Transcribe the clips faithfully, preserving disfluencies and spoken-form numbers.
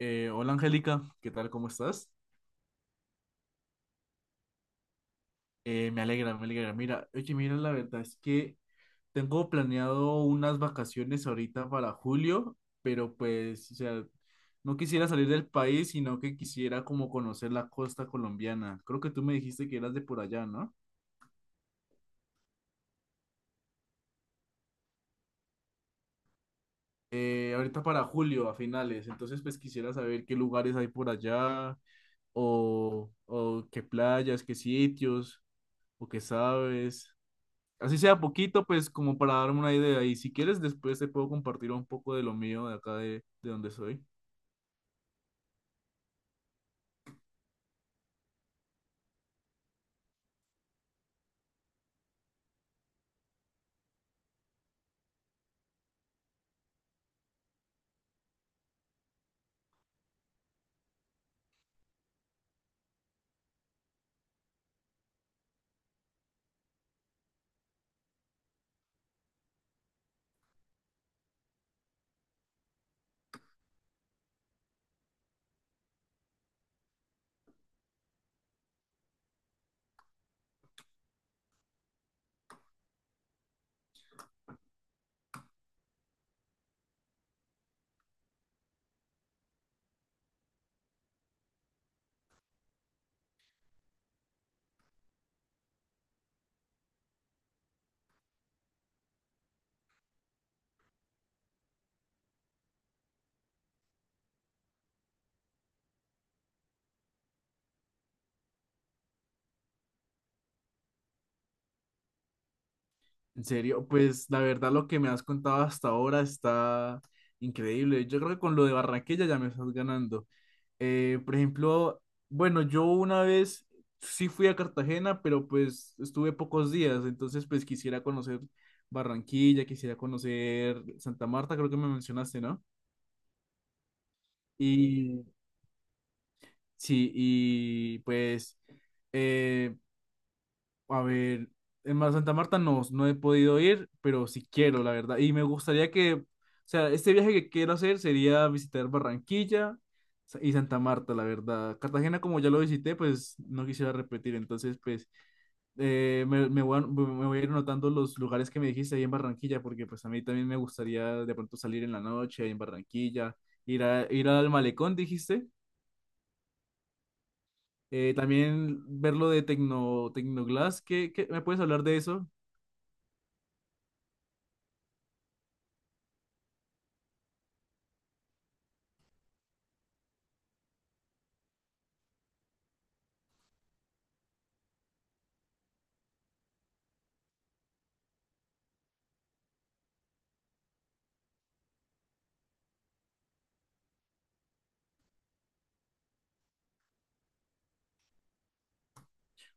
Eh, hola Angélica, ¿qué tal? ¿Cómo estás? Eh, me alegra, me alegra. Mira, oye, mira, la verdad es que tengo planeado unas vacaciones ahorita para julio, pero pues, o sea, no quisiera salir del país, sino que quisiera como conocer la costa colombiana. Creo que tú me dijiste que eras de por allá, ¿no? Eh, ahorita para julio, a finales, entonces pues quisiera saber qué lugares hay por allá, o, o qué playas, qué sitios, o qué sabes. Así sea poquito, pues como para darme una idea. Y si quieres, después te puedo compartir un poco de lo mío de acá de, de donde soy. En serio, pues la verdad lo que me has contado hasta ahora está increíble. Yo creo que con lo de Barranquilla ya me estás ganando. Eh, por ejemplo, bueno, yo una vez sí fui a Cartagena, pero pues estuve pocos días, entonces pues quisiera conocer Barranquilla, quisiera conocer Santa Marta, creo que me mencionaste, ¿no? Y sí, y pues... Eh, A ver, en Mar Santa Marta no, no he podido ir, pero sí quiero, la verdad. Y me gustaría que, o sea, este viaje que quiero hacer sería visitar Barranquilla sa- y Santa Marta, la verdad. Cartagena, como ya lo visité, pues no quisiera repetir. Entonces, pues, eh, me, me voy a, me voy a ir anotando los lugares que me dijiste ahí en Barranquilla, porque pues a mí también me gustaría de pronto salir en la noche ahí en Barranquilla, ir a, ir al malecón, dijiste. Eh, también ver lo de Tecno, Tecnoglass. ¿Qué, qué- Me puedes hablar de eso?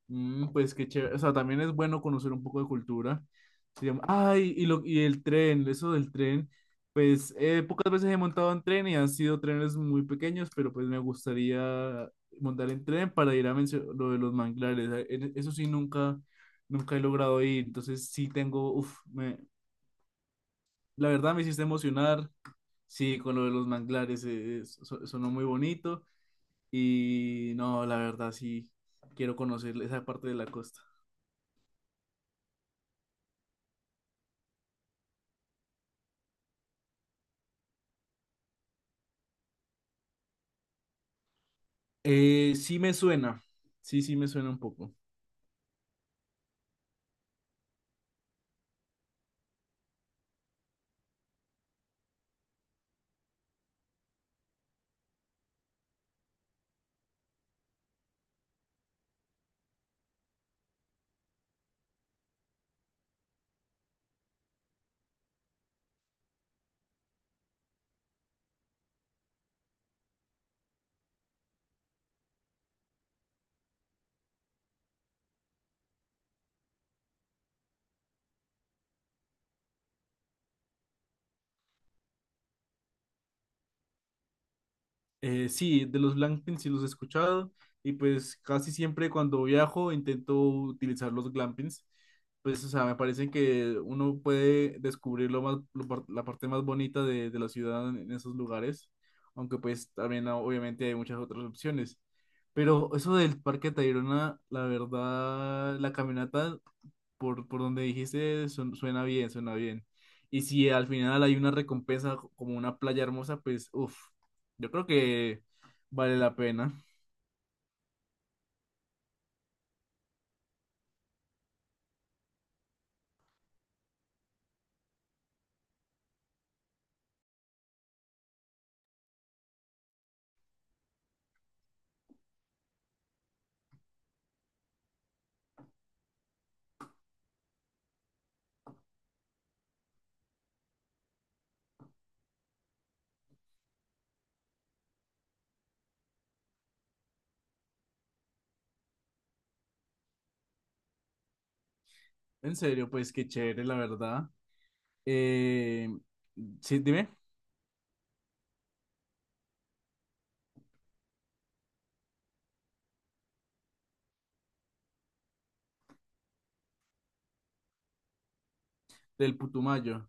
Mm, pues qué chévere. O sea, también es bueno conocer un poco de cultura. Se llama- Ay, y, lo, y el tren, eso del tren. Pues eh, pocas veces he montado en tren y han sido trenes muy pequeños, pero pues me gustaría montar en tren para ir a mencio- lo de los manglares. Eh, en- Eso sí, nunca, nunca he logrado ir. Entonces sí tengo, uf, me, la verdad me hiciste emocionar. Sí, con lo de los manglares, eh, so- sonó muy bonito. Y no, la verdad sí, quiero conocer esa parte de la costa. Eh, sí me suena, sí, sí me suena un poco. Eh, sí, de los glampings sí los he escuchado y pues casi siempre cuando viajo intento utilizar los glampings. Pues, o sea, me parece que uno puede descubrir lo más, lo par- la parte más bonita de, de la ciudad en esos lugares, aunque pues también ah, obviamente hay muchas otras opciones. Pero eso del Parque Tayrona, la verdad, la caminata por, por donde dijiste, su- suena bien, suena bien. Y si al final hay una recompensa como una playa hermosa, pues, uff, yo creo que vale la pena. En serio, pues qué chévere, la verdad. Eh, sí, dime, del Putumayo.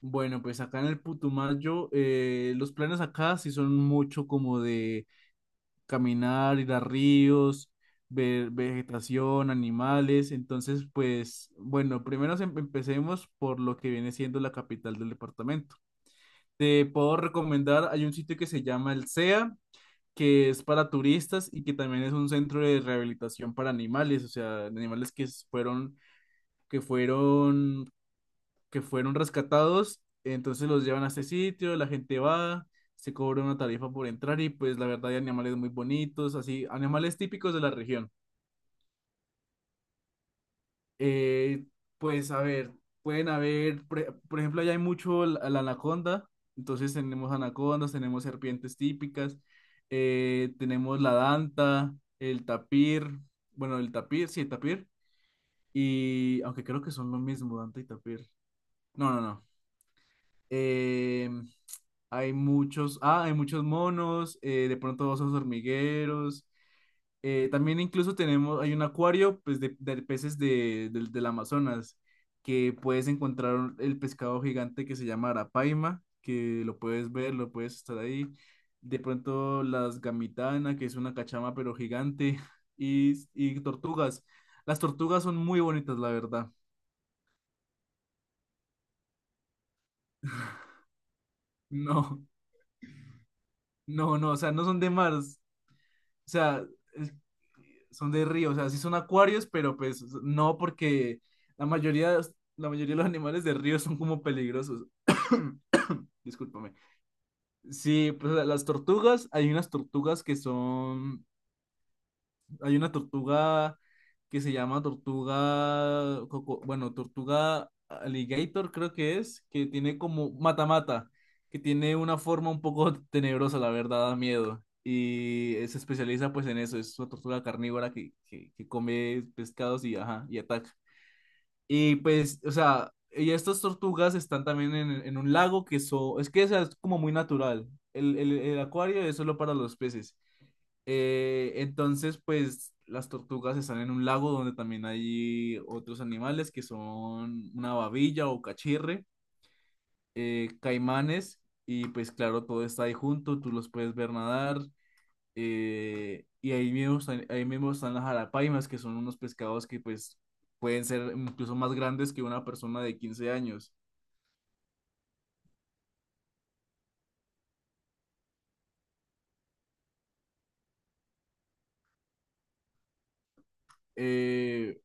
Bueno, pues acá en el Putumayo, eh, los planes acá sí son mucho como de caminar, ir a ríos, ver vegetación, animales. Entonces, pues, bueno, primero em- empecemos por lo que viene siendo la capital del departamento. Te puedo recomendar, hay un sitio que se llama el sea, que es para turistas y que también es un centro de rehabilitación para animales, o sea, animales que s- fueron, que fueron que fueron rescatados, entonces los llevan a este sitio, la gente va, se cobra una tarifa por entrar y pues la verdad hay animales muy bonitos, así, animales típicos de la región. Eh, pues a ver, pueden haber, pre- por ejemplo, allá hay mucho la, la anaconda, entonces tenemos anacondas, tenemos serpientes típicas, eh, tenemos la danta, el tapir, bueno, el tapir, sí, el tapir, y aunque creo que son lo mismo, danta y tapir. No, no, no. eh, hay muchos, ah, hay muchos monos, eh, de pronto osos hormigueros. Eh, también incluso tenemos, hay un acuario pues, de, de peces de, del del Amazonas, que puedes encontrar un- el pescado gigante que se llama arapaima, que lo puedes ver, lo puedes estar ahí. De pronto las gamitana, que es una cachama pero gigante, y, y tortugas. Las tortugas son muy bonitas, la verdad. No, no, no, o sea, no son de mar. O sea, es- son de río, o sea, sí son acuarios, pero pues no porque la mayoría, la mayoría de los animales de río son como peligrosos. Discúlpame. Sí, pues la- las tortugas, hay unas tortugas que son hay una tortuga que se llama tortuga, coco- bueno, tortuga alligator creo que es, que tiene como mata-mata, que tiene una forma un poco tenebrosa, la verdad, da miedo. Y eh, se especializa pues en eso, es una tortuga carnívora que, que, que come pescados y, ajá, y ataca. Y pues, o sea, y estas tortugas están también en, en un lago que so- es que o sea, es como muy natural. El, el, el acuario es solo para los peces. Eh, entonces, pues las tortugas están en un lago donde también hay otros animales que son una babilla o cachirre, eh, caimanes, y pues claro, todo está ahí junto, tú los puedes ver nadar, eh, y ahí mismo, están, ahí mismo están las jarapaimas, que son unos pescados que pues pueden ser incluso más grandes que una persona de quince años. Eh,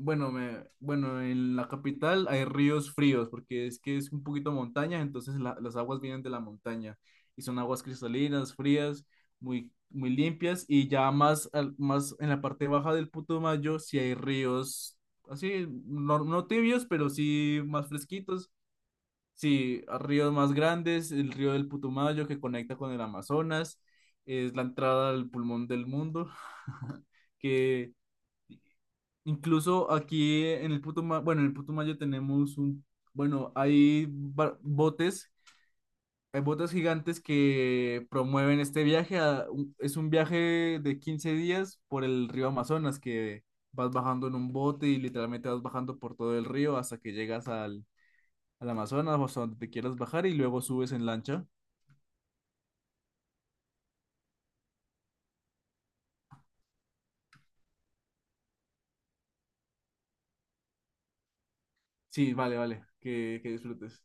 Bueno, me, bueno, en la capital hay ríos fríos porque es que es un poquito montaña, entonces la- las aguas vienen de la montaña y son aguas cristalinas, frías, muy, muy limpias y ya más, al- más en la parte baja del Putumayo sí hay ríos así, no, no tibios, pero sí más fresquitos, sí, a ríos más grandes, el río del Putumayo que conecta con el Amazonas, es la entrada al pulmón del mundo, que Incluso aquí en el Putumayo, bueno, en el Putumayo tenemos un, bueno, hay ba- botes, hay botes gigantes que promueven este viaje. A- un- es un viaje de quince días por el río Amazonas, que vas bajando en un bote y literalmente vas bajando por todo el río hasta que llegas al, al Amazonas o hasta donde te quieras bajar y luego subes en lancha. Sí, vale, vale, que, que disfrutes.